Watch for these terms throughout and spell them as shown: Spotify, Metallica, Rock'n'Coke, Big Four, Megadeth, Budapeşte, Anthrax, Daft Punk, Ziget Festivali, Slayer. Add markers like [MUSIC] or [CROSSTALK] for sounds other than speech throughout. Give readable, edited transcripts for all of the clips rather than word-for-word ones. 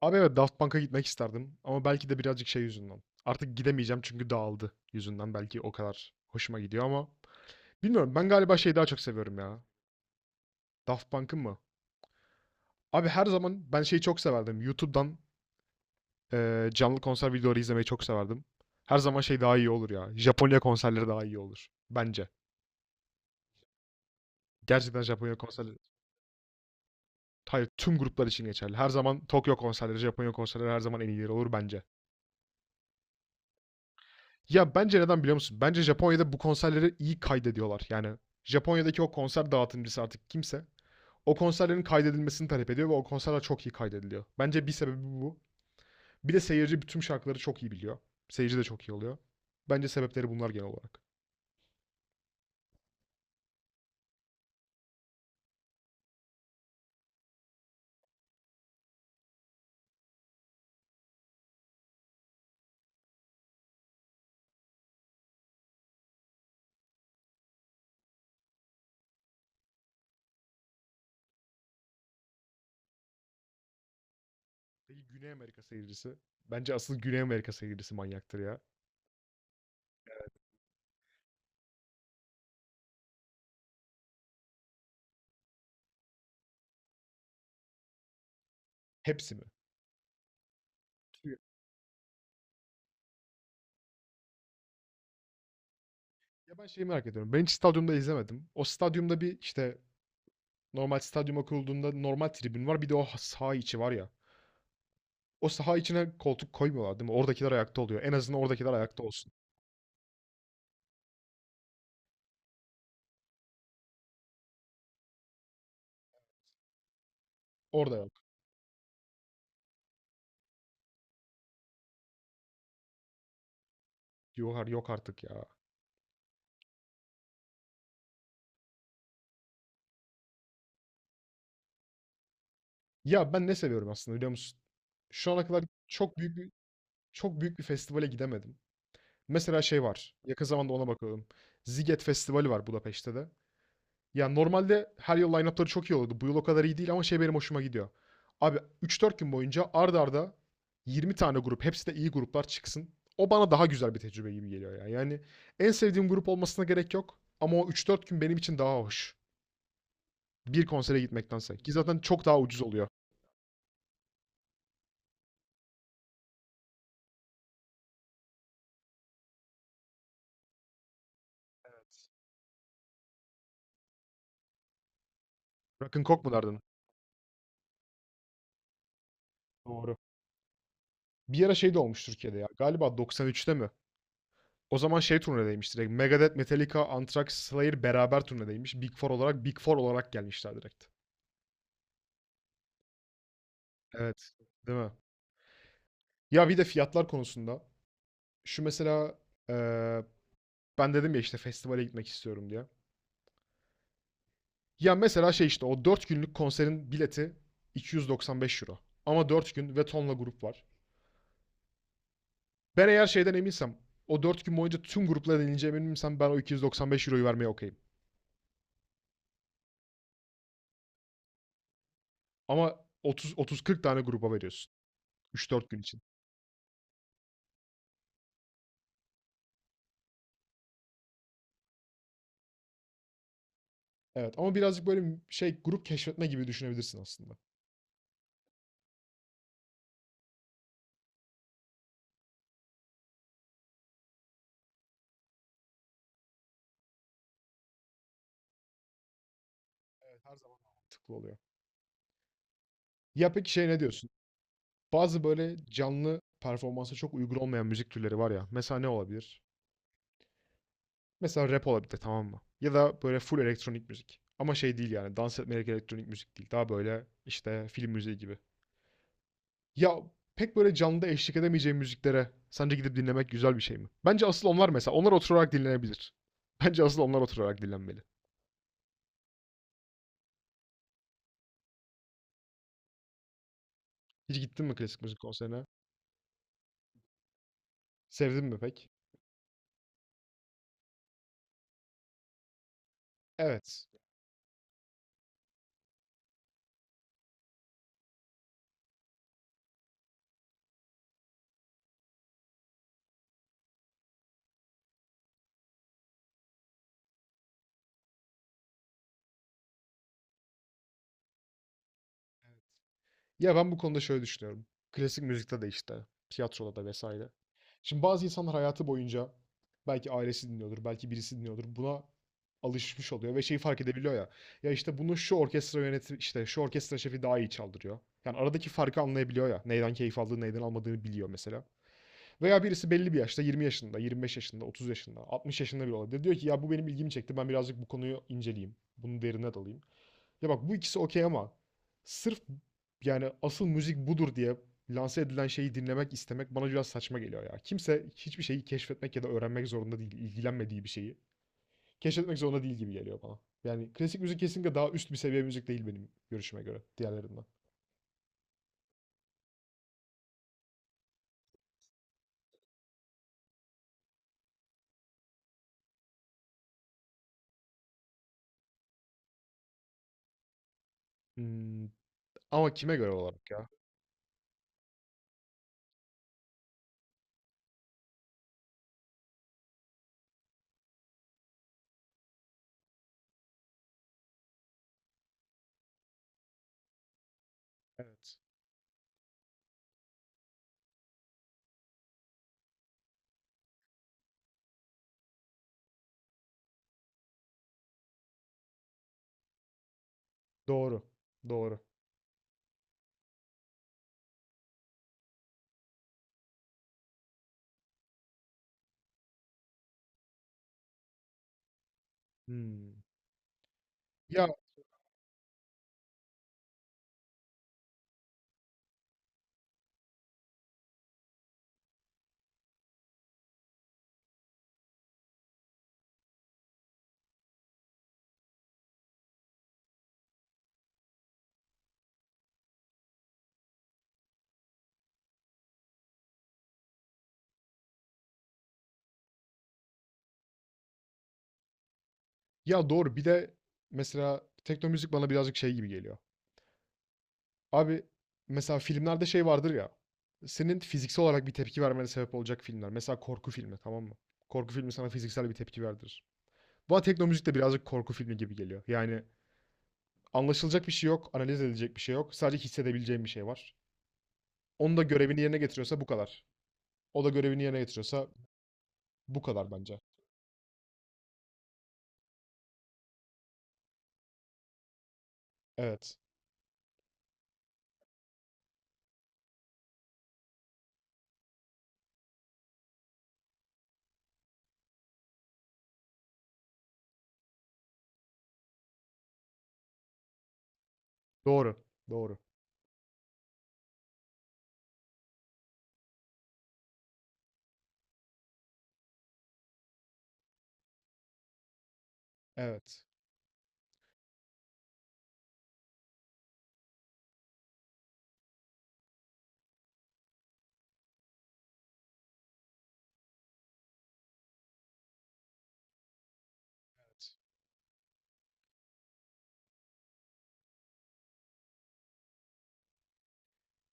Abi evet Daft Punk'a gitmek isterdim ama belki de birazcık şey yüzünden. Artık gidemeyeceğim çünkü dağıldı yüzünden belki o kadar hoşuma gidiyor ama bilmiyorum ben galiba şeyi daha çok seviyorum ya. Daft Punk'ın mı? Abi her zaman ben şeyi çok severdim. YouTube'dan canlı konser videoları izlemeyi çok severdim. Her zaman şey daha iyi olur ya. Japonya konserleri daha iyi olur bence. Gerçekten Japonya konserleri hayır tüm gruplar için geçerli. Her zaman Tokyo konserleri, Japonya konserleri her zaman en iyileri olur bence. Ya bence neden biliyor musun? Bence Japonya'da bu konserleri iyi kaydediyorlar. Yani Japonya'daki o konser dağıtımcısı artık kimse o konserlerin kaydedilmesini talep ediyor ve o konserler çok iyi kaydediliyor. Bence bir sebebi bu. Bir de seyirci bütün şarkıları çok iyi biliyor. Seyirci de çok iyi oluyor. Bence sebepleri bunlar genel olarak. Peki Güney Amerika seyircisi? Bence asıl Güney Amerika seyircisi manyaktır ya. Hepsi mi? Tüyo. Ya ben şeyi merak ediyorum. Ben hiç stadyumda izlemedim. O stadyumda bir işte normal stadyuma kurulduğunda normal tribün var. Bir de o saha içi var ya. O saha içine koltuk koymuyorlar değil mi? Oradakiler ayakta oluyor. En azından oradakiler ayakta olsun. Orada yok. Yok, yok artık ya. Ya ben ne seviyorum aslında biliyor musun? Şu ana kadar çok büyük bir festivale gidemedim. Mesela şey var. Yakın zamanda ona bakalım. Ziget Festivali var Budapeşte de. Ya normalde her yıl line-up'ları çok iyi olurdu. Bu yıl o kadar iyi değil ama şey benim hoşuma gidiyor. Abi 3-4 gün boyunca ard arda 20 tane grup, hepsi de iyi gruplar çıksın. O bana daha güzel bir tecrübe gibi geliyor ya. Yani en sevdiğim grup olmasına gerek yok ama o 3-4 gün benim için daha hoş. Bir konsere gitmektense. Ki zaten çok daha ucuz oluyor. Evet. Rock'n'Coke mu derdin? Doğru. Bir ara şey de olmuş Türkiye'de ya. Galiba 93'te mi? O zaman şey turnedeymiş direkt. Megadeth, Metallica, Anthrax, Slayer beraber turnedeymiş. Big Four olarak, Big Four olarak gelmişler direkt. Evet, değil mi? Ya bir de fiyatlar konusunda. Şu mesela eee, ben dedim ya işte festivale gitmek istiyorum diye. Ya mesela şey işte o 4 günlük konserin bileti 295 euro. Ama 4 gün ve tonla grup var. Ben eğer şeyden eminsem o 4 gün boyunca tüm gruplara denileceğime eminsem ben o 295 euroyu vermeye okeyim. Ama 30 30-40 tane gruba veriyorsun. Üç dört gün için. Evet ama birazcık böyle şey grup keşfetme gibi düşünebilirsin aslında. Evet her zaman mantıklı oluyor. Ya peki şey ne diyorsun? Bazı böyle canlı performansa çok uygun olmayan müzik türleri var ya. Mesela ne olabilir? Mesela rap olabilir tamam mı? Ya da böyle full elektronik müzik. Ama şey değil yani dans etmelik elektronik müzik değil. Daha böyle işte film müziği gibi. Ya pek böyle canlıda eşlik edemeyeceğim müziklere sence gidip dinlemek güzel bir şey mi? Bence asıl onlar mesela. Onlar oturarak dinlenebilir. [LAUGHS] Bence asıl onlar oturarak dinlenmeli. Hiç gittin mi klasik müzik konserine? Sevdin mi pek? Evet. Ya ben bu konuda şöyle düşünüyorum. Klasik müzikte de işte, tiyatroda da vesaire. Şimdi bazı insanlar hayatı boyunca belki ailesi dinliyordur, belki birisi dinliyordur. Buna alışmış oluyor ve şeyi fark edebiliyor ya. Ya işte bunu şu orkestra yönetimi, işte şu orkestra şefi daha iyi çaldırıyor. Yani aradaki farkı anlayabiliyor ya. Neyden keyif aldığını, neyden almadığını biliyor mesela. Veya birisi belli bir yaşta, 20 yaşında, 25 yaşında, 30 yaşında, 60 yaşında bile olabilir. Diyor ki ya bu benim ilgimi çekti. Ben birazcık bu konuyu inceleyeyim. Bunu derine dalayım. Ya bak bu ikisi okey ama sırf yani asıl müzik budur diye lanse edilen şeyi dinlemek istemek bana biraz saçma geliyor ya. Kimse hiçbir şeyi keşfetmek ya da öğrenmek zorunda değil, ilgilenmediği bir şeyi keşfetmek zorunda değil gibi geliyor bana. Yani klasik müzik kesinlikle daha üst bir seviye müzik değil benim görüşüme göre diğerlerinden. Hmm, ama kime göre olarak ya? Evet. Doğru. Doğru. Hmm. Ya ya doğru. Bir de mesela tekno müzik bana birazcık şey gibi geliyor. Abi mesela filmlerde şey vardır ya. Senin fiziksel olarak bir tepki vermene sebep olacak filmler. Mesela korku filmi tamam mı? Korku filmi sana fiziksel bir tepki verdirir. Bana teknomüzik de birazcık korku filmi gibi geliyor. Yani anlaşılacak bir şey yok, analiz edilecek bir şey yok. Sadece hissedebileceğim bir şey var. Onu da görevini yerine getiriyorsa bu kadar. O da görevini yerine getiriyorsa bu kadar bence. Evet. Doğru. Doğru. Evet.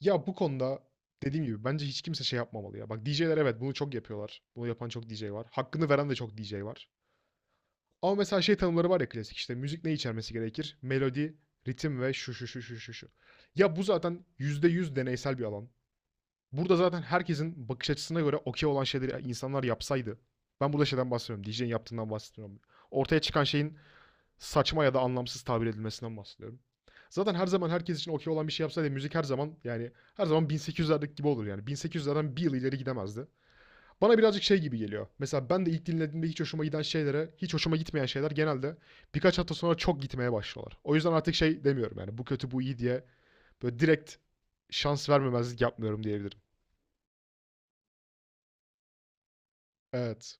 Ya bu konuda dediğim gibi bence hiç kimse şey yapmamalı ya. Bak DJ'ler evet bunu çok yapıyorlar. Bunu yapan çok DJ var. Hakkını veren de çok DJ var. Ama mesela şey tanımları var ya klasik işte müzik ne içermesi gerekir? Melodi, ritim ve şu şu şu şu şu şu. Ya bu zaten %100 deneysel bir alan. Burada zaten herkesin bakış açısına göre okey olan şeyleri insanlar yapsaydı. Ben burada şeyden bahsediyorum. DJ'in yaptığından bahsediyorum. Ortaya çıkan şeyin saçma ya da anlamsız tabir edilmesinden bahsediyorum. Zaten her zaman herkes için okey olan bir şey yapsaydı müzik her zaman yani her zaman 1800'lerdeki gibi olur yani. 1800'lerden bir yıl ileri gidemezdi. Bana birazcık şey gibi geliyor. Mesela ben de ilk dinlediğimde hiç hoşuma giden şeylere, hiç hoşuma gitmeyen şeyler genelde birkaç hafta sonra çok gitmeye başlıyorlar. O yüzden artık şey demiyorum yani bu kötü bu iyi diye böyle direkt şans vermemezlik yapmıyorum diyebilirim. Evet.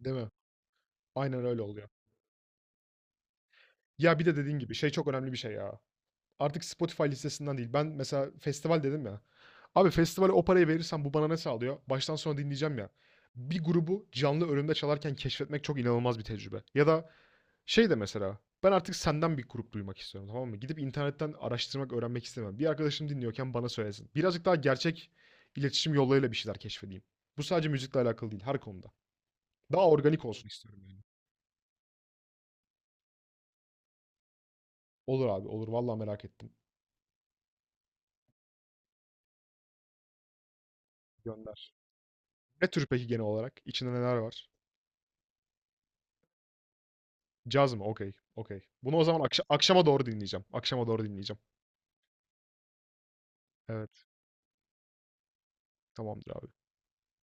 Değil mi? Aynen öyle oluyor. Ya bir de dediğin gibi şey çok önemli bir şey ya. Artık Spotify listesinden değil. Ben mesela festival dedim ya. Abi festivale o parayı verirsem bu bana ne sağlıyor? Baştan sona dinleyeceğim ya. Bir grubu canlı önümde çalarken keşfetmek çok inanılmaz bir tecrübe. Ya da şey de mesela ben artık senden bir grup duymak istiyorum tamam mı? Gidip internetten araştırmak, öğrenmek istemem. Bir arkadaşım dinliyorken bana söylesin. Birazcık daha gerçek iletişim yollarıyla bir şeyler keşfedeyim. Bu sadece müzikle alakalı değil her konuda. Daha organik olsun istiyorum yani. Olur abi olur vallahi merak ettim. Gönder. Ne tür peki genel olarak? İçinde neler var? Caz mı? Okey. Okey. Bunu o zaman akşama doğru dinleyeceğim. Akşama doğru dinleyeceğim. Evet. Tamamdır abi.